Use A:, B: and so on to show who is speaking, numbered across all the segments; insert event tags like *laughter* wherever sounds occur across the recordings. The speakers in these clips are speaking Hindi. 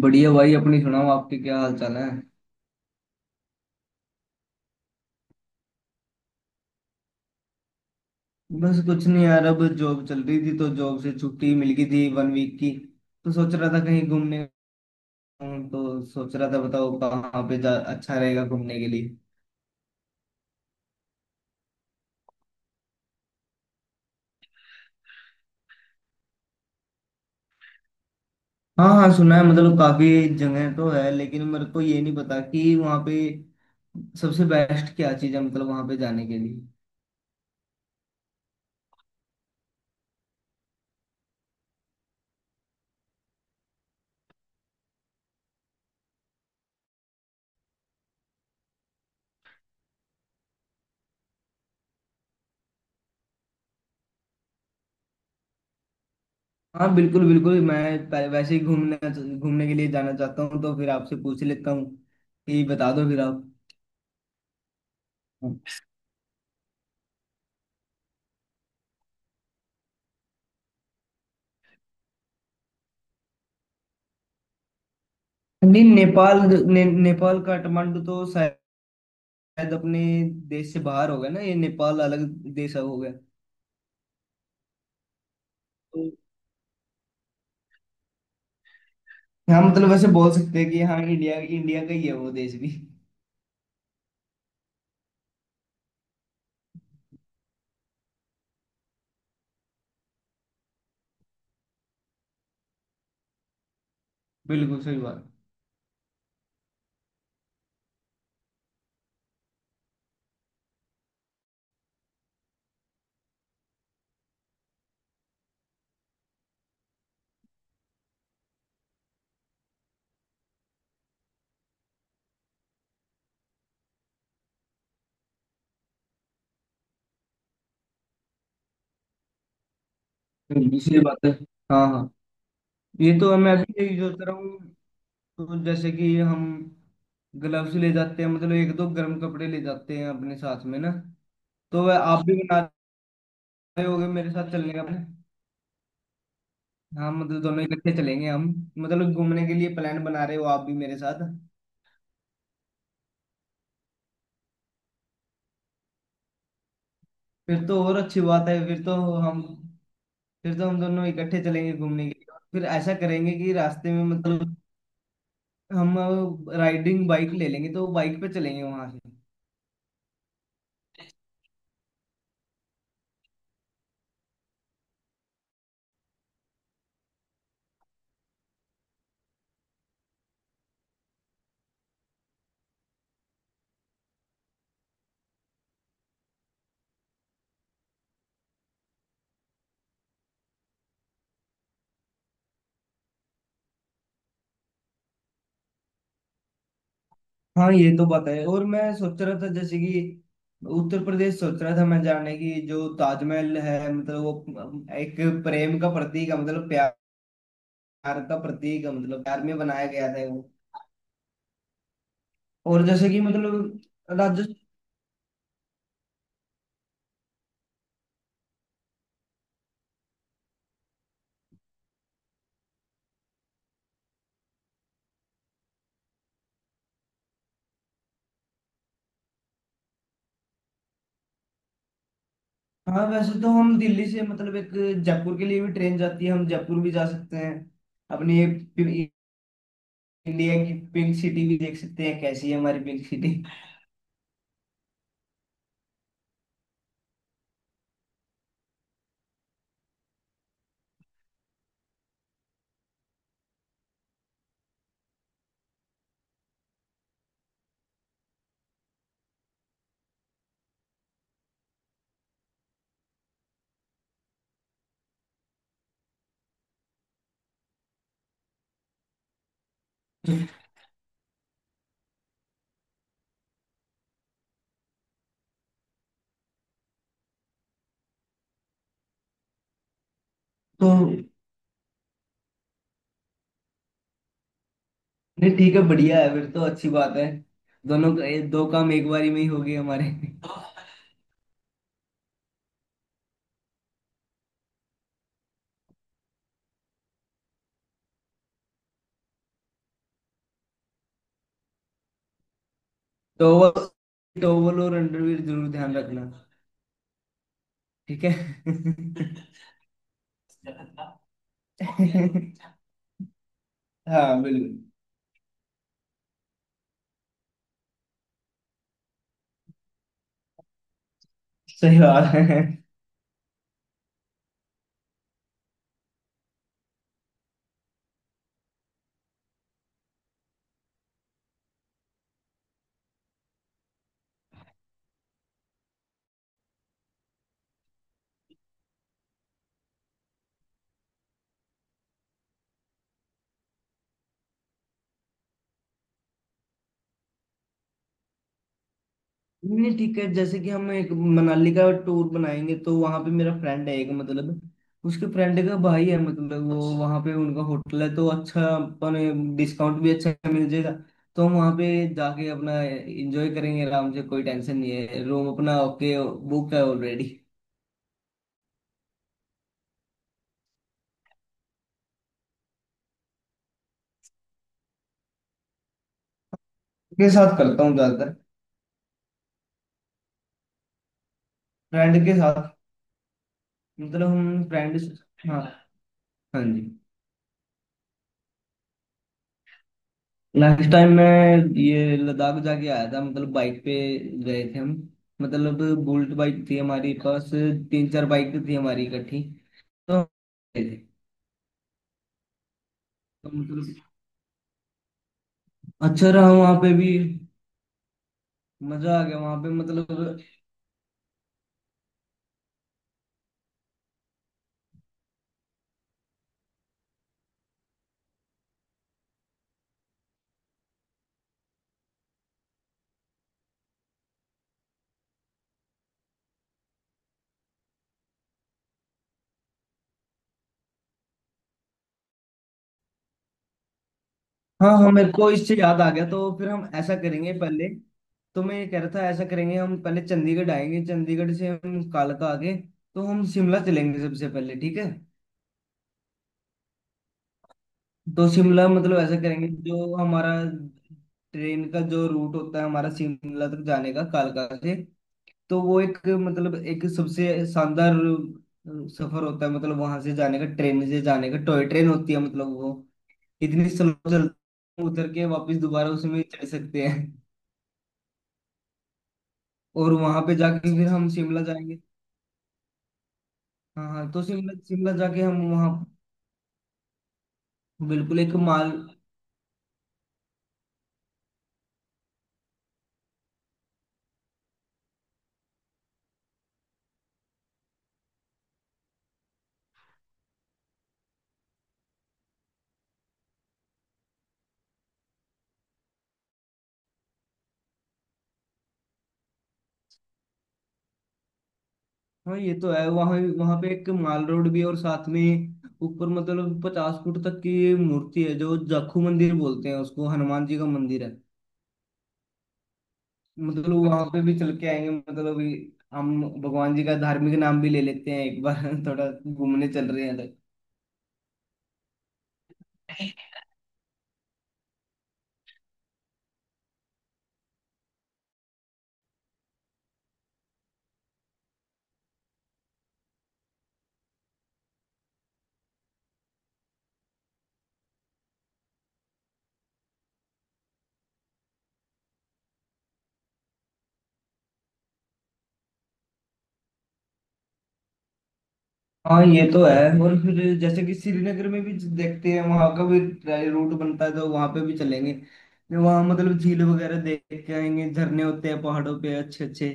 A: बढ़िया भाई। अपनी सुनाओ, आपके क्या हाल चाल है? बस कुछ नहीं यार। अब जॉब चल रही थी तो जॉब से छुट्टी मिल गई थी 1 वीक की। तो सोच रहा था कहीं घूमने जाऊं, तो सोच रहा था, बताओ कहाँ पे जा अच्छा रहेगा घूमने के लिए। हाँ हाँ सुना है, मतलब काफी जगह तो है, लेकिन मेरे को ये नहीं पता कि वहाँ पे सबसे बेस्ट क्या चीज़ है मतलब वहाँ पे जाने के लिए। हाँ, बिल्कुल बिल्कुल। मैं पहले वैसे ही घूमने घूमने के लिए जाना चाहता हूँ। तो फिर आपसे पूछ लेता हूँ कि बता दो फिर आप। नहीं, नेपाल नेपाल काठमांडू तो शायद अपने देश से बाहर हो गया ना। ये नेपाल अलग देश हो गया तो। हाँ मतलब वैसे बोल सकते हैं कि हाँ, इंडिया इंडिया का ही है वो देश भी। बिल्कुल सही बात बिल्कुल सही बात है। हाँ हाँ। ये तो मैं भी यही सोच रहा हूँ। तो जैसे कि हम ग्लव्स ले जाते हैं मतलब एक दो गर्म कपड़े ले जाते हैं अपने साथ में ना। तो वह आप भी बना रहे होगे मेरे साथ चलने का plan? हाँ मतलब दोनों इकट्ठे चलेंगे हम। मतलब घूमने के लिए प्लान बना रहे हो आप भी मेरे साथ। फिर तो और अच्छी बात है। हम फिर तो हम दोनों इकट्ठे चलेंगे घूमने के लिए। फिर ऐसा करेंगे कि रास्ते में मतलब हम राइडिंग बाइक ले लेंगे तो बाइक पे चलेंगे वहां से। हाँ ये तो बात है। और मैं सोच रहा था जैसे कि उत्तर प्रदेश सोच रहा था मैं जाने की। जो ताजमहल है मतलब वो एक प्रेम का प्रतीक है मतलब प्यार का प्रतीक है, मतलब प्यार में बनाया गया था वो। और जैसे कि मतलब, हाँ वैसे तो हम दिल्ली से मतलब एक जयपुर के लिए भी ट्रेन जाती है। हम जयपुर भी जा सकते हैं। अपनी ये पि- इंडिया की पिंक सिटी भी देख सकते हैं कैसी है हमारी पिंक सिटी। *laughs* तो नहीं ठीक है बढ़िया है। फिर तो अच्छी बात है। दोनों का ये दो काम एक बारी में ही हो गए हमारे। *laughs* टॉवल टॉवल और अंडरवियर जरूर ध्यान रखना। ठीक है। *laughs* हाँ बिल्कुल सही बात है। नहीं ठीक है जैसे कि हम एक मनाली का टूर बनाएंगे तो वहां पे मेरा फ्रेंड है एक मतलब, उसके फ्रेंड का भाई है मतलब। वो वहां पे उनका होटल है तो अच्छा अपन डिस्काउंट भी अच्छा मिल जाएगा। तो हम वहां पे जाके अपना एंजॉय करेंगे आराम से, कोई टेंशन नहीं है। रूम अपना ओके, बुक है ऑलरेडी। के साथ करता हूँ ज्यादातर। फ्रेंड के साथ। मतलब हम फ्रेंड। हाँ हाँ जी। लास्ट टाइम मैं ये लद्दाख जाके आया था मतलब बाइक पे गए थे हम, मतलब बुलेट बाइक थी हमारे पास। तीन चार बाइक थी हमारी इकट्ठी। तो हम गए थे। तो मतलब अच्छा रहा वहाँ पे भी। मजा आ गया वहाँ पे मतलब। हाँ हाँ मेरे को इससे याद आ गया। तो फिर हम ऐसा करेंगे, पहले तो मैं ये कह रहा था ऐसा करेंगे। हम पहले चंडीगढ़ आएंगे, चंडीगढ़ से हम कालका आके तो हम शिमला चलेंगे सबसे पहले, ठीक है। तो शिमला मतलब ऐसा करेंगे जो हमारा ट्रेन का जो रूट होता है हमारा शिमला तक जाने का कालका से, तो वो एक मतलब एक सबसे शानदार सफर होता है मतलब वहां से जाने का ट्रेन से जाने का। टॉय ट्रेन होती है मतलब वो इतनी स्लो चलती है, उतर के वापस दोबारा उसमें चढ़ सकते हैं। और वहां पे जाके फिर हम शिमला जाएंगे। हाँ हाँ तो शिमला शिमला जाके हम वहाँ। बिल्कुल एक माल। हाँ ये तो है, वहाँ वहाँ पे एक माल रोड भी है और साथ में ऊपर मतलब 50 फुट तक की मूर्ति है जो जाखू मंदिर बोलते हैं उसको, हनुमान जी का मंदिर है। मतलब वहां पे भी चल के आएंगे मतलब, अभी हम भगवान जी का धार्मिक नाम भी ले लेते हैं एक बार *laughs* थोड़ा घूमने चल रहे हैं तो। हाँ ये तो है। और फिर जैसे कि श्रीनगर में भी देखते हैं, वहां का भी रूट बनता है तो वहां पे भी चलेंगे। वहां मतलब झील वगैरह देख के आएंगे, झरने होते हैं पहाड़ों पे अच्छे अच्छे।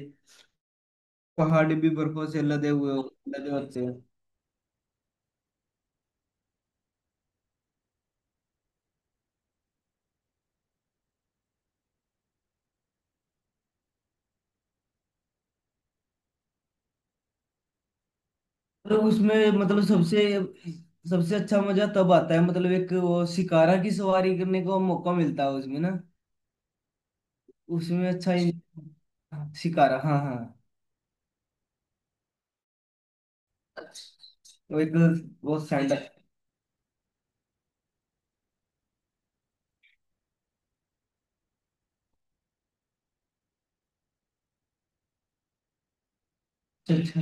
A: पहाड़ भी बर्फों से लदे हुए लदे होते हैं। मतलब उसमें मतलब सबसे सबसे अच्छा मजा तब आता है मतलब एक वो शिकारा की सवारी करने को मौका मिलता है उसमें ना। उसमें अच्छा शिकारा, हाँ हाँ। वो एक वो सैंडल। अच्छा अच्छा।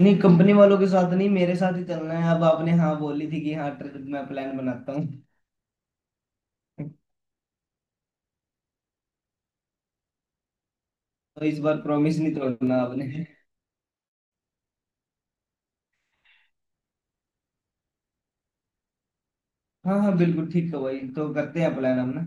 A: नहीं कंपनी वालों के साथ नहीं, मेरे साथ ही चलना है। अब आपने हाँ बोली थी कि हाँ ट्रिप मैं प्लान बनाता हूँ। तो इस बार प्रॉमिस नहीं तोड़ना आपने। हाँ हाँ बिल्कुल ठीक है भाई। तो करते हैं प्लान हम ना।